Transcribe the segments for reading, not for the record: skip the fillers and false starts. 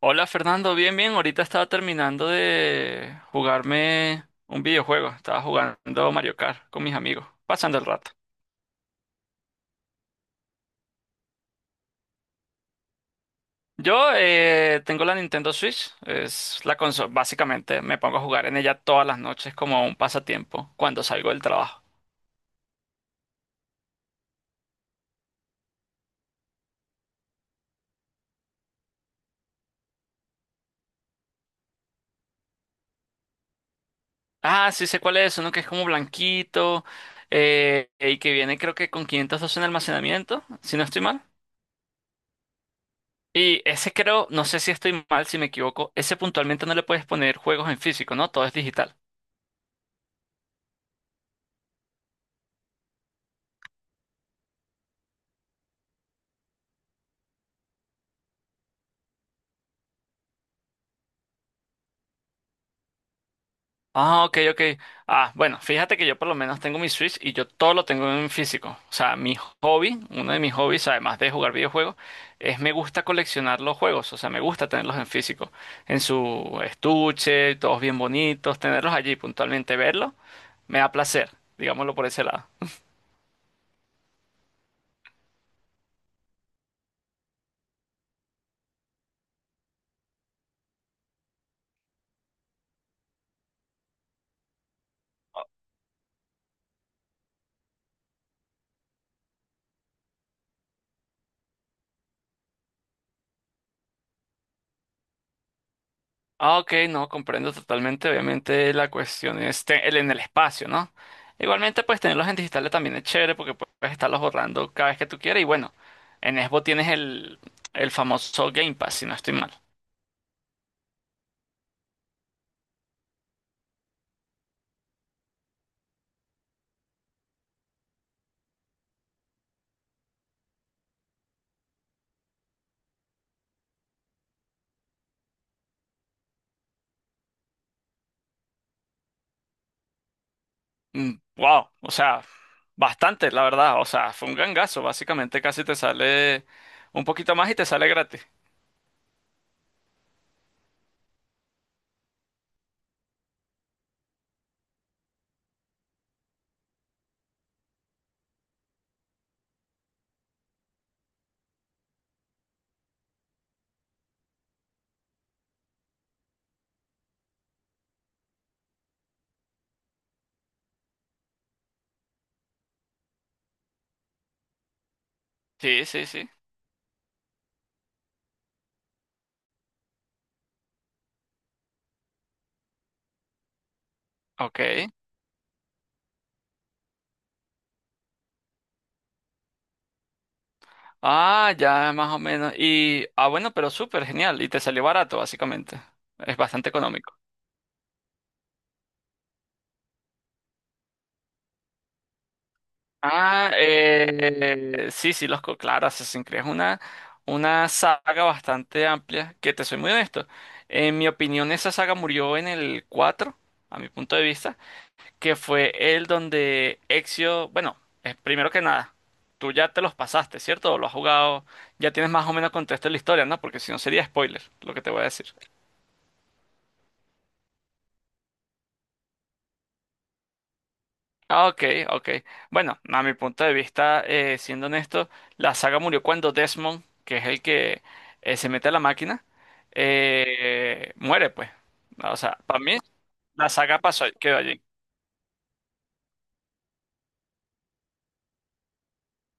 Hola Fernando, bien, bien. Ahorita estaba terminando de jugarme un videojuego. Estaba jugando Mario Kart con mis amigos, pasando el rato. Yo tengo la Nintendo Switch, es la consola. Básicamente me pongo a jugar en ella todas las noches como un pasatiempo cuando salgo del trabajo. Ah, sí sé cuál es, uno que es como blanquito y que viene creo que con 512 en almacenamiento, si no estoy mal. Y ese creo, no sé si estoy mal, si me equivoco, ese puntualmente no le puedes poner juegos en físico, ¿no? Todo es digital. Ah, ok, ok. Ah, bueno, fíjate que yo por lo menos tengo mi Switch y yo todo lo tengo en físico. O sea, mi hobby, uno de mis hobbies, además de jugar videojuegos, es me gusta coleccionar los juegos. O sea, me gusta tenerlos en físico, en su estuche, todos bien bonitos, tenerlos allí puntualmente, verlos, me da placer, digámoslo por ese lado. Ah, ok, no, comprendo totalmente. Obviamente la cuestión es el en el espacio, ¿no? Igualmente, pues tenerlos en digitales también es chévere porque puedes estarlos borrando cada vez que tú quieras. Y bueno, en Xbox tienes el famoso Game Pass, si no estoy mal. Mm, wow, o sea, bastante, la verdad. O sea, fue un gangazo. Básicamente casi te sale un poquito más y te sale gratis. Sí, sí, sí. Ok. Ah, ya más o menos. Y, ah, bueno, pero súper genial. Y te salió barato, básicamente. Es bastante económico. Ah, sí, sí, claro, Assassin's Creed es una saga bastante amplia, que te soy muy honesto. En mi opinión, esa saga murió en el 4, a mi punto de vista, que fue el donde Ezio, bueno, primero que nada, tú ya te los pasaste, ¿cierto? O lo has jugado, ya tienes más o menos contexto de la historia, ¿no? Porque si no sería spoiler lo que te voy a decir. Ah, ok, ok. Bueno, a mi punto de vista, siendo honesto, la saga murió cuando Desmond, que es el que se mete a la máquina, muere, pues. O sea, para mí, la saga pasó, quedó allí.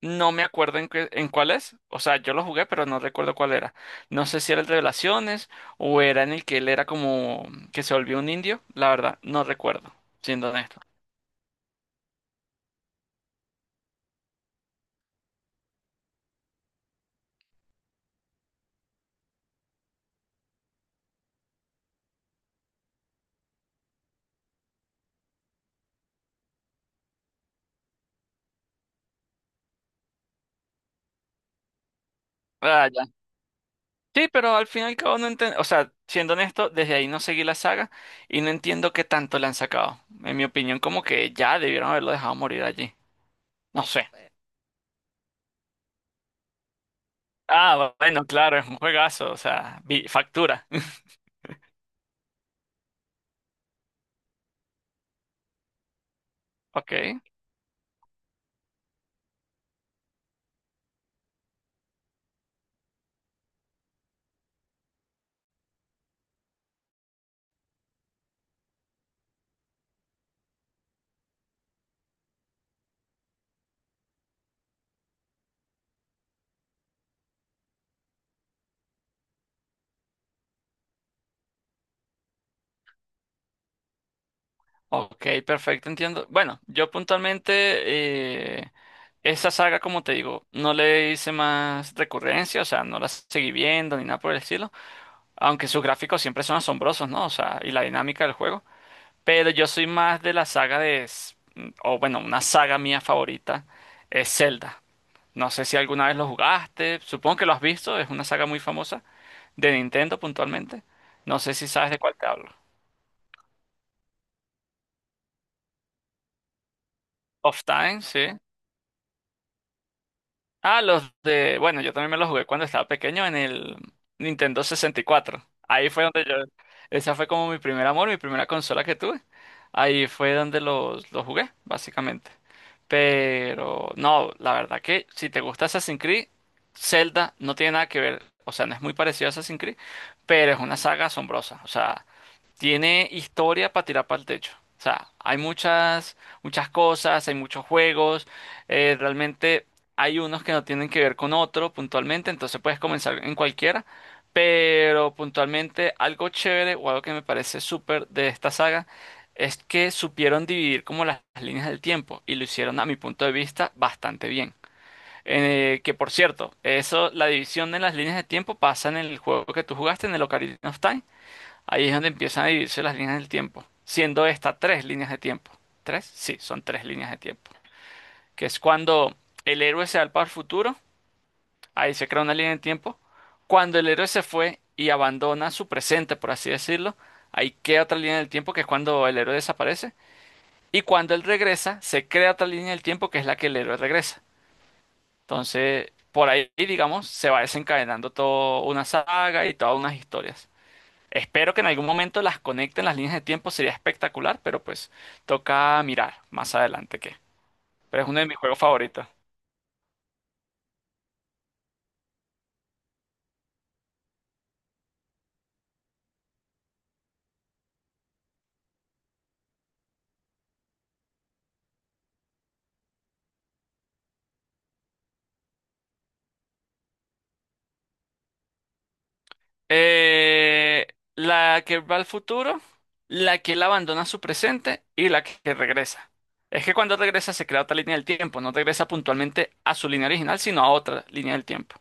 No me acuerdo en, en cuál es. O sea, yo lo jugué, pero no recuerdo cuál era. No sé si era el de Revelaciones o era en el que él era como que se volvió un indio. La verdad, no recuerdo, siendo honesto. Ah, ya. Sí, pero al fin y al cabo no entiendo, o sea, siendo honesto, desde ahí no seguí la saga y no entiendo qué tanto le han sacado. En mi opinión, como que ya debieron haberlo dejado morir allí. No sé. Ah, bueno, claro, es un juegazo, o sea, factura. Ok, ok, perfecto, entiendo. Bueno, yo puntualmente, eh, esa saga, como te digo, no le hice más recurrencia, o sea, no la seguí viendo ni nada por el estilo, aunque sus gráficos siempre son asombrosos, ¿no? O sea, y la dinámica del juego. Pero yo soy más de la saga o bueno, una saga mía favorita es Zelda. No sé si alguna vez lo jugaste, supongo que lo has visto, es una saga muy famosa de Nintendo puntualmente. No sé si sabes de cuál te hablo. Of Time, sí. Ah, los de... Bueno, yo también me los jugué cuando estaba pequeño en el Nintendo 64. Ahí fue donde yo... Esa fue como mi primer amor, mi primera consola que tuve. Ahí fue donde los jugué, básicamente. Pero no, la verdad que si te gusta Assassin's Creed, Zelda no tiene nada que ver. O sea, no es muy parecido a Assassin's Creed, pero es una saga asombrosa. O sea, tiene historia para tirar para el techo. O sea, hay muchas, muchas cosas, hay muchos juegos. Realmente hay unos que no tienen que ver con otro puntualmente, entonces puedes comenzar en cualquiera. Pero puntualmente algo chévere o algo que me parece súper de esta saga es que supieron dividir como las líneas del tiempo y lo hicieron a mi punto de vista bastante bien. Que por cierto, eso, la división de las líneas de tiempo pasa en el juego que tú jugaste, en el Ocarina of Time. Ahí es donde empiezan a dividirse las líneas del tiempo, siendo estas tres líneas de tiempo. ¿Tres? Sí, son tres líneas de tiempo. Que es cuando el héroe se va al futuro, ahí se crea una línea de tiempo. Cuando el héroe se fue y abandona su presente, por así decirlo, ahí queda otra línea del tiempo, que es cuando el héroe desaparece. Y cuando él regresa, se crea otra línea del tiempo, que es la que el héroe regresa. Entonces, por ahí, digamos, se va desencadenando toda una saga y todas unas historias. Espero que en algún momento las conecten las líneas de tiempo, sería espectacular, pero pues toca mirar más adelante qué. Pero es uno de mis juegos favoritos. Eh, la que va al futuro, la que él abandona su presente y la que regresa. Es que cuando regresa se crea otra línea del tiempo, no regresa puntualmente a su línea original, sino a otra línea del tiempo.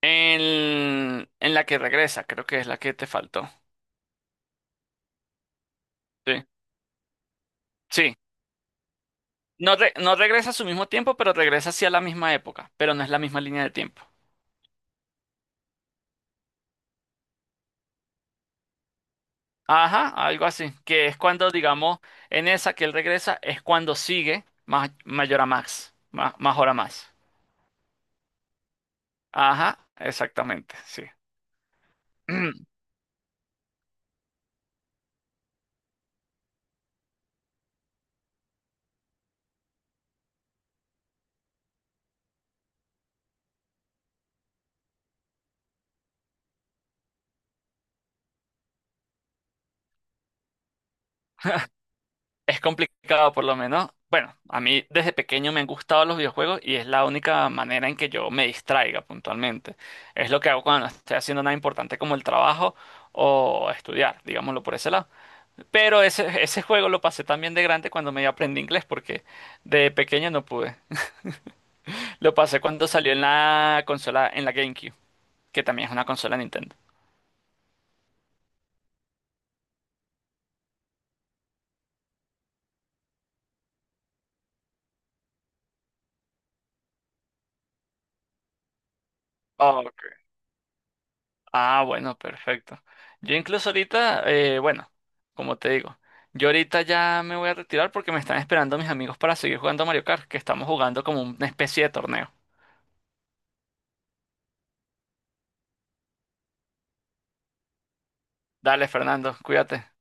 En la que regresa, creo que es la que te faltó. Sí. Sí. No regresa a su mismo tiempo, pero regresa hacia la misma época, pero no es la misma línea de tiempo. Ajá, algo así, que es cuando, digamos, en esa que él regresa, es cuando sigue mayor a Max, más hora más. Ajá, exactamente, sí. Es complicado por lo menos. Bueno, a mí desde pequeño me han gustado los videojuegos y es la única manera en que yo me distraiga puntualmente. Es lo que hago cuando no estoy haciendo nada importante como el trabajo o estudiar, digámoslo por ese lado. Pero ese juego lo pasé también de grande cuando me aprendí inglés porque de pequeño no pude. Lo pasé cuando salió en la consola, en la GameCube, que también es una consola Nintendo. Ah, ok. Ah, bueno, perfecto. Yo incluso ahorita, bueno, como te digo, yo ahorita ya me voy a retirar porque me están esperando mis amigos para seguir jugando a Mario Kart, que estamos jugando como una especie de torneo. Dale, Fernando, cuídate.